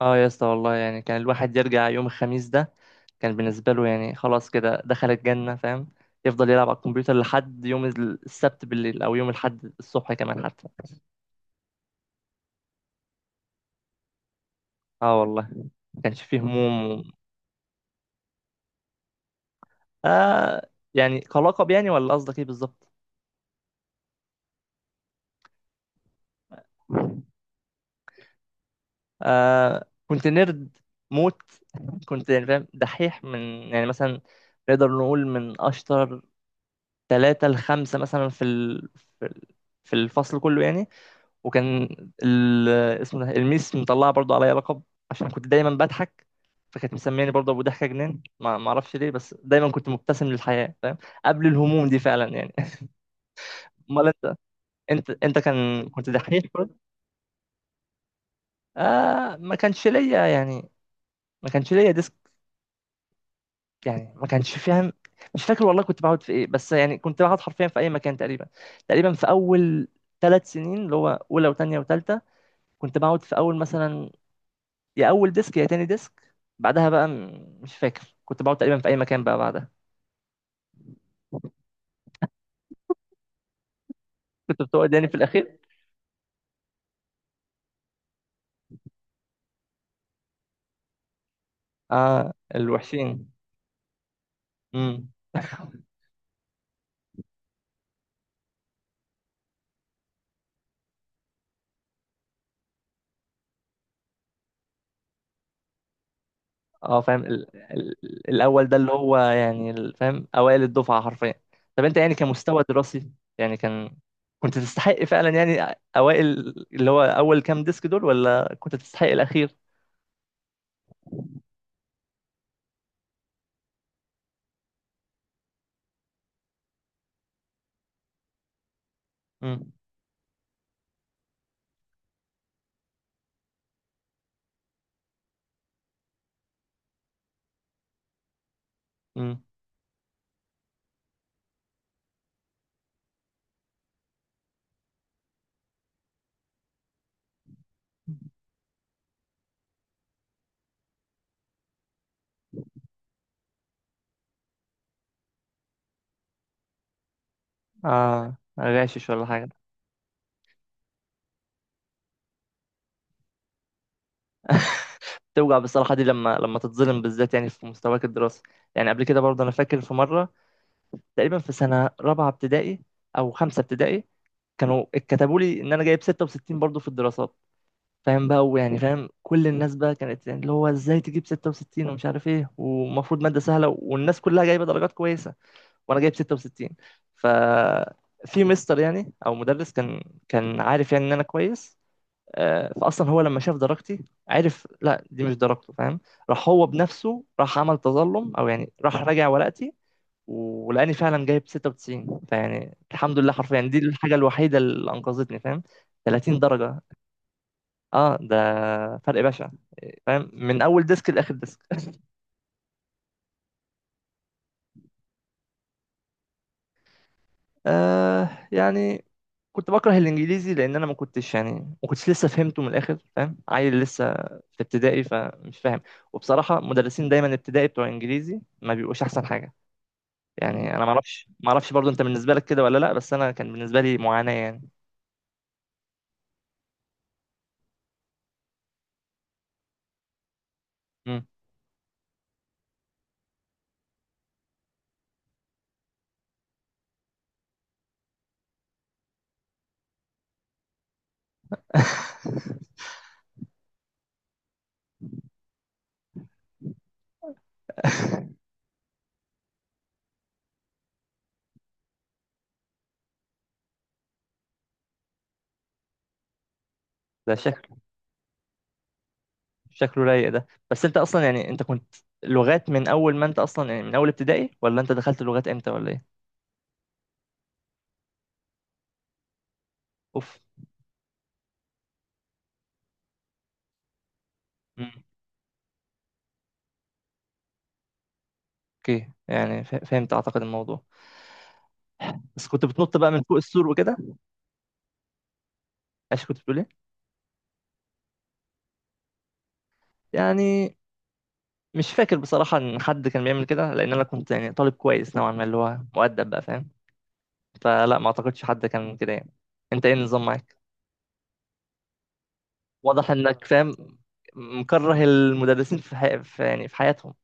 اه يا اسطى والله يعني كان الواحد يرجع يوم الخميس ده كان بالنسبة له يعني خلاص كده دخل الجنة فاهم. يفضل يلعب على الكمبيوتر لحد يوم السبت بالليل أو يوم الأحد الصبح كمان حتى. اه والله ما كانش فيه هموم آه يعني كلقب يعني، ولا قصدك ايه بالظبط؟ آه كنت نيرد موت. كنت يعني فاهم دحيح من يعني مثلا، نقدر نقول من أشطر ثلاثة لخمسة مثلا في ال- في الفصل كله يعني. وكان ال... اسمه ده الميس مطلعه برضو عليا لقب عشان كنت دايما بضحك، فكانت مسمياني برضو ابو ضحكه جنان. ما اعرفش ليه، بس دايما كنت مبتسم للحياه فاهم، قبل الهموم دي فعلا يعني. امال انت، انت كنت دحيح برضو؟ آه ما كانش ليا يعني، ما كانش ليا ديسك. يعني ما كانش فاهم. مش فاكر والله كنت بقعد في ايه، بس يعني كنت بقعد حرفيا في اي مكان تقريبا. تقريبا في اول ثلاث سنين اللي هو اولى وثانيه وثالثه كنت بقعد في اول مثلا، يا اول ديسك يا تاني ديسك. بعدها بقى مش فاكر كنت بقعد تقريبا في اي مكان بقى بعدها. كنت بتقعد يعني في الاخير. اه الوحشين. امم. اه فاهم الاول ده اللي هو يعني فاهم اوائل الدفعه حرفيا. طب انت يعني كمستوى دراسي، يعني كان كنت تستحق فعلا يعني اوائل، اللي هو اول كام ديسك دول، ولا كنت تستحق الاخير؟ امم. امم. اه غاشش ولا حاجه. توجع بصراحة دي لما تتظلم بالذات، يعني في مستواك الدراسي. يعني قبل كده برضه أنا فاكر في مرة تقريبا في سنة رابعة ابتدائي أو خمسة ابتدائي، كانوا اتكتبوا لي إن أنا جايب 66 برضه في الدراسات. فاهم بقى، ويعني فاهم كل الناس بقى كانت يعني اللي هو إزاي تجيب 66 ومش عارف إيه، ومفروض مادة سهلة والناس كلها جايبة درجات كويسة، وأنا جايب 66. ف في مستر يعني أو مدرس، كان كان عارف يعني إن أنا كويس. آه، فأصلا هو لما شاف درجتي عرف لا دي مش درجته فاهم. راح هو بنفسه راح عمل تظلم، أو يعني راح راجع ورقتي، ولاني فعلا جايب 96. فيعني الحمد لله حرفيا دي الحاجه الوحيده اللي انقذتني فاهم. 30 درجه. اه ده فرق بشع، فاهم، من اول ديسك لاخر ديسك. آه يعني كنت بكره الانجليزي، لان انا ما كنتش يعني، ما كنتش لسه فهمته من الاخر، فاهم، عيل لسه في ابتدائي، فمش فاهم. وبصراحه مدرسين دايما ابتدائي بتوع انجليزي ما بيبقوش احسن حاجه. يعني انا ما اعرفش برضو انت بالنسبه لك كده ولا لا، بس انا كان بالنسبه لي معاناه يعني. مم. ده شكله رايق ده. بس انت اصلا يعني، انت كنت لغات من اول، ما انت اصلا يعني من اول ابتدائي، ولا انت دخلت لغات امتى ولا ايه؟ اوف. مم. اوكي يعني فهمت اعتقد الموضوع. بس كنت بتنط بقى من فوق السور وكده، عشان كنت بتقول ايه؟ يعني مش فاكر بصراحة ان حد كان بيعمل كده، لان انا كنت يعني طالب كويس نوعا ما، اللي هو مؤدب بقى فاهم. فلا ما اعتقدش حد كان كده يعني. انت ايه النظام معاك؟ واضح انك فاهم مكره المدرسين في يعني في حياتهم.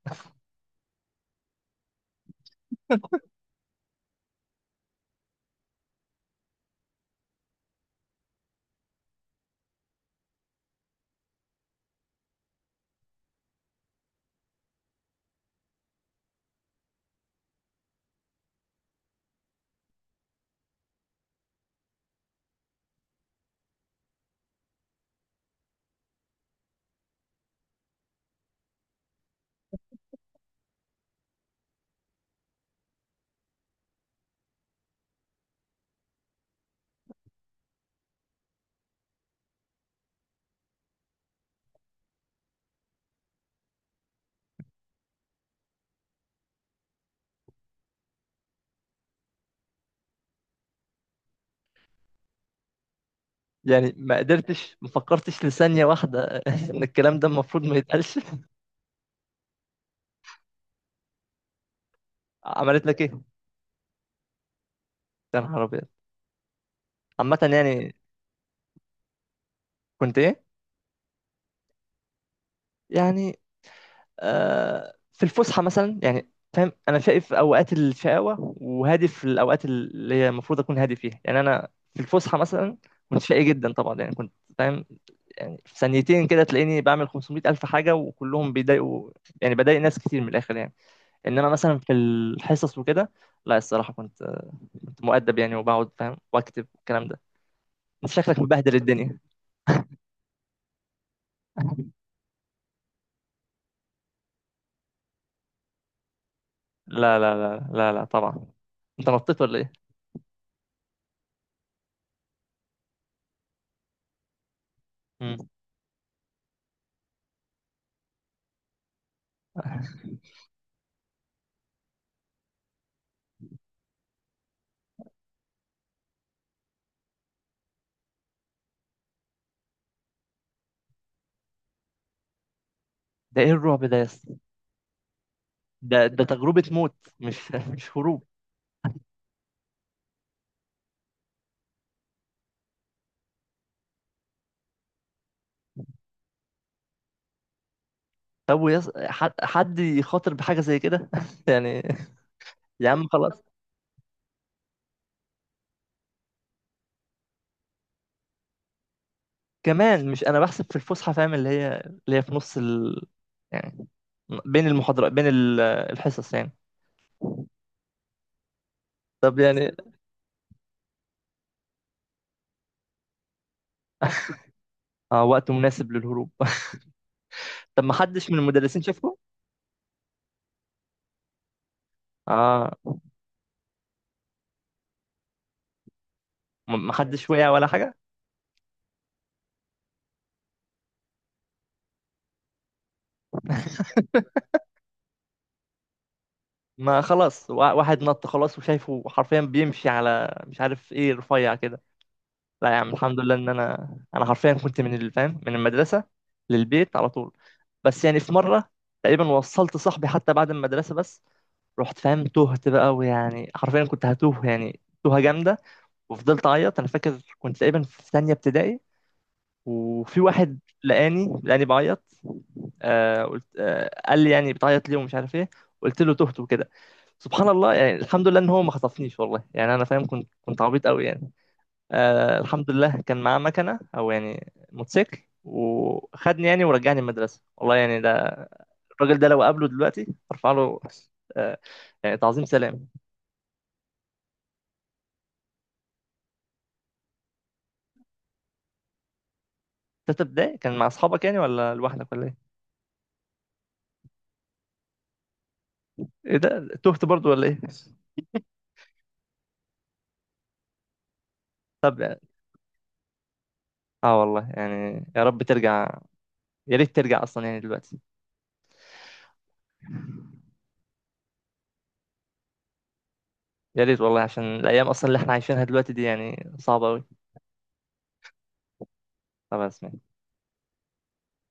يعني ما قدرتش ما فكرتش لثانية واحدة؟ إن الكلام ده المفروض ما يتقالش. عملت لك إيه؟ يا نهار أبيض. عامة يعني. كنت إيه؟ يعني آه في الفسحة مثلا، يعني فاهم، أنا شايف أوقات الشقاوة وهادف الأوقات اللي هي المفروض أكون هادي فيها. يعني أنا في الفسحة مثلا كنت شقي جدا طبعا، يعني كنت فاهم. يعني في ثانيتين كده تلاقيني بعمل 500 ألف حاجة وكلهم بيضايقوا. يعني بضايق ناس كتير من الآخر يعني. إنما مثلا في الحصص وكده لا، الصراحة كنت مؤدب يعني، وبقعد فاهم واكتب والكلام ده. انت شكلك مبهدل الدنيا. لا لا لا لا لا طبعا. انت نطيت ولا ايه؟ مم. ده ايه الرعب ده يا اسطى؟ ده تجربة موت، مش هروب. طب حد يخاطر بحاجة زي كده؟ يعني، يا عم خلاص. كمان مش انا بحسب في الفسحة، فاهم، اللي هي في نص يعني بين المحاضرات، بين الحصص يعني. طب يعني، اه، وقت مناسب للهروب. طب ما حدش من المدرسين شافكم؟ اه. ما حدش وقع ولا حاجة. ما خلاص واحد نط خلاص، وشايفه حرفيا بيمشي على مش عارف ايه رفيع كده. لا يا عم الحمد لله ان انا، انا حرفيا كنت من الفام من المدرسه للبيت على طول. بس يعني في مره تقريبا، وصلت صاحبي حتى بعد المدرسه، بس رحت فاهم تهت بقى، ويعني حرفيا كنت هتوه، يعني توهه جامده. وفضلت اعيط. انا فاكر كنت تقريبا في ثانيه ابتدائي، وفي واحد لقاني بعيط. آه قلت آه قال لي يعني بتعيط ليه ومش عارف ايه. قلت له تهت وكده. سبحان الله يعني، الحمد لله ان هو ما خطفنيش والله. يعني انا فاهم كنت عبيط قوي يعني. آه الحمد لله كان معاه مكنه او يعني موتوسيكل، وخدني يعني ورجعني المدرسه والله. يعني ده الراجل ده لو قابله دلوقتي ارفع له آه يعني تعظيم سلام. تالتة ابتدائي كان مع اصحابك يعني، ولا لوحدك ولا ايه؟ ايه ده تهت برضو ولا ايه؟ طب. اه والله يعني يا رب ترجع. يا ريت ترجع اصلا يعني دلوقتي. يا ريت والله، عشان الايام اصلا اللي احنا عايشينها دلوقتي دي يعني صعبه قوي. خلاص ماشي.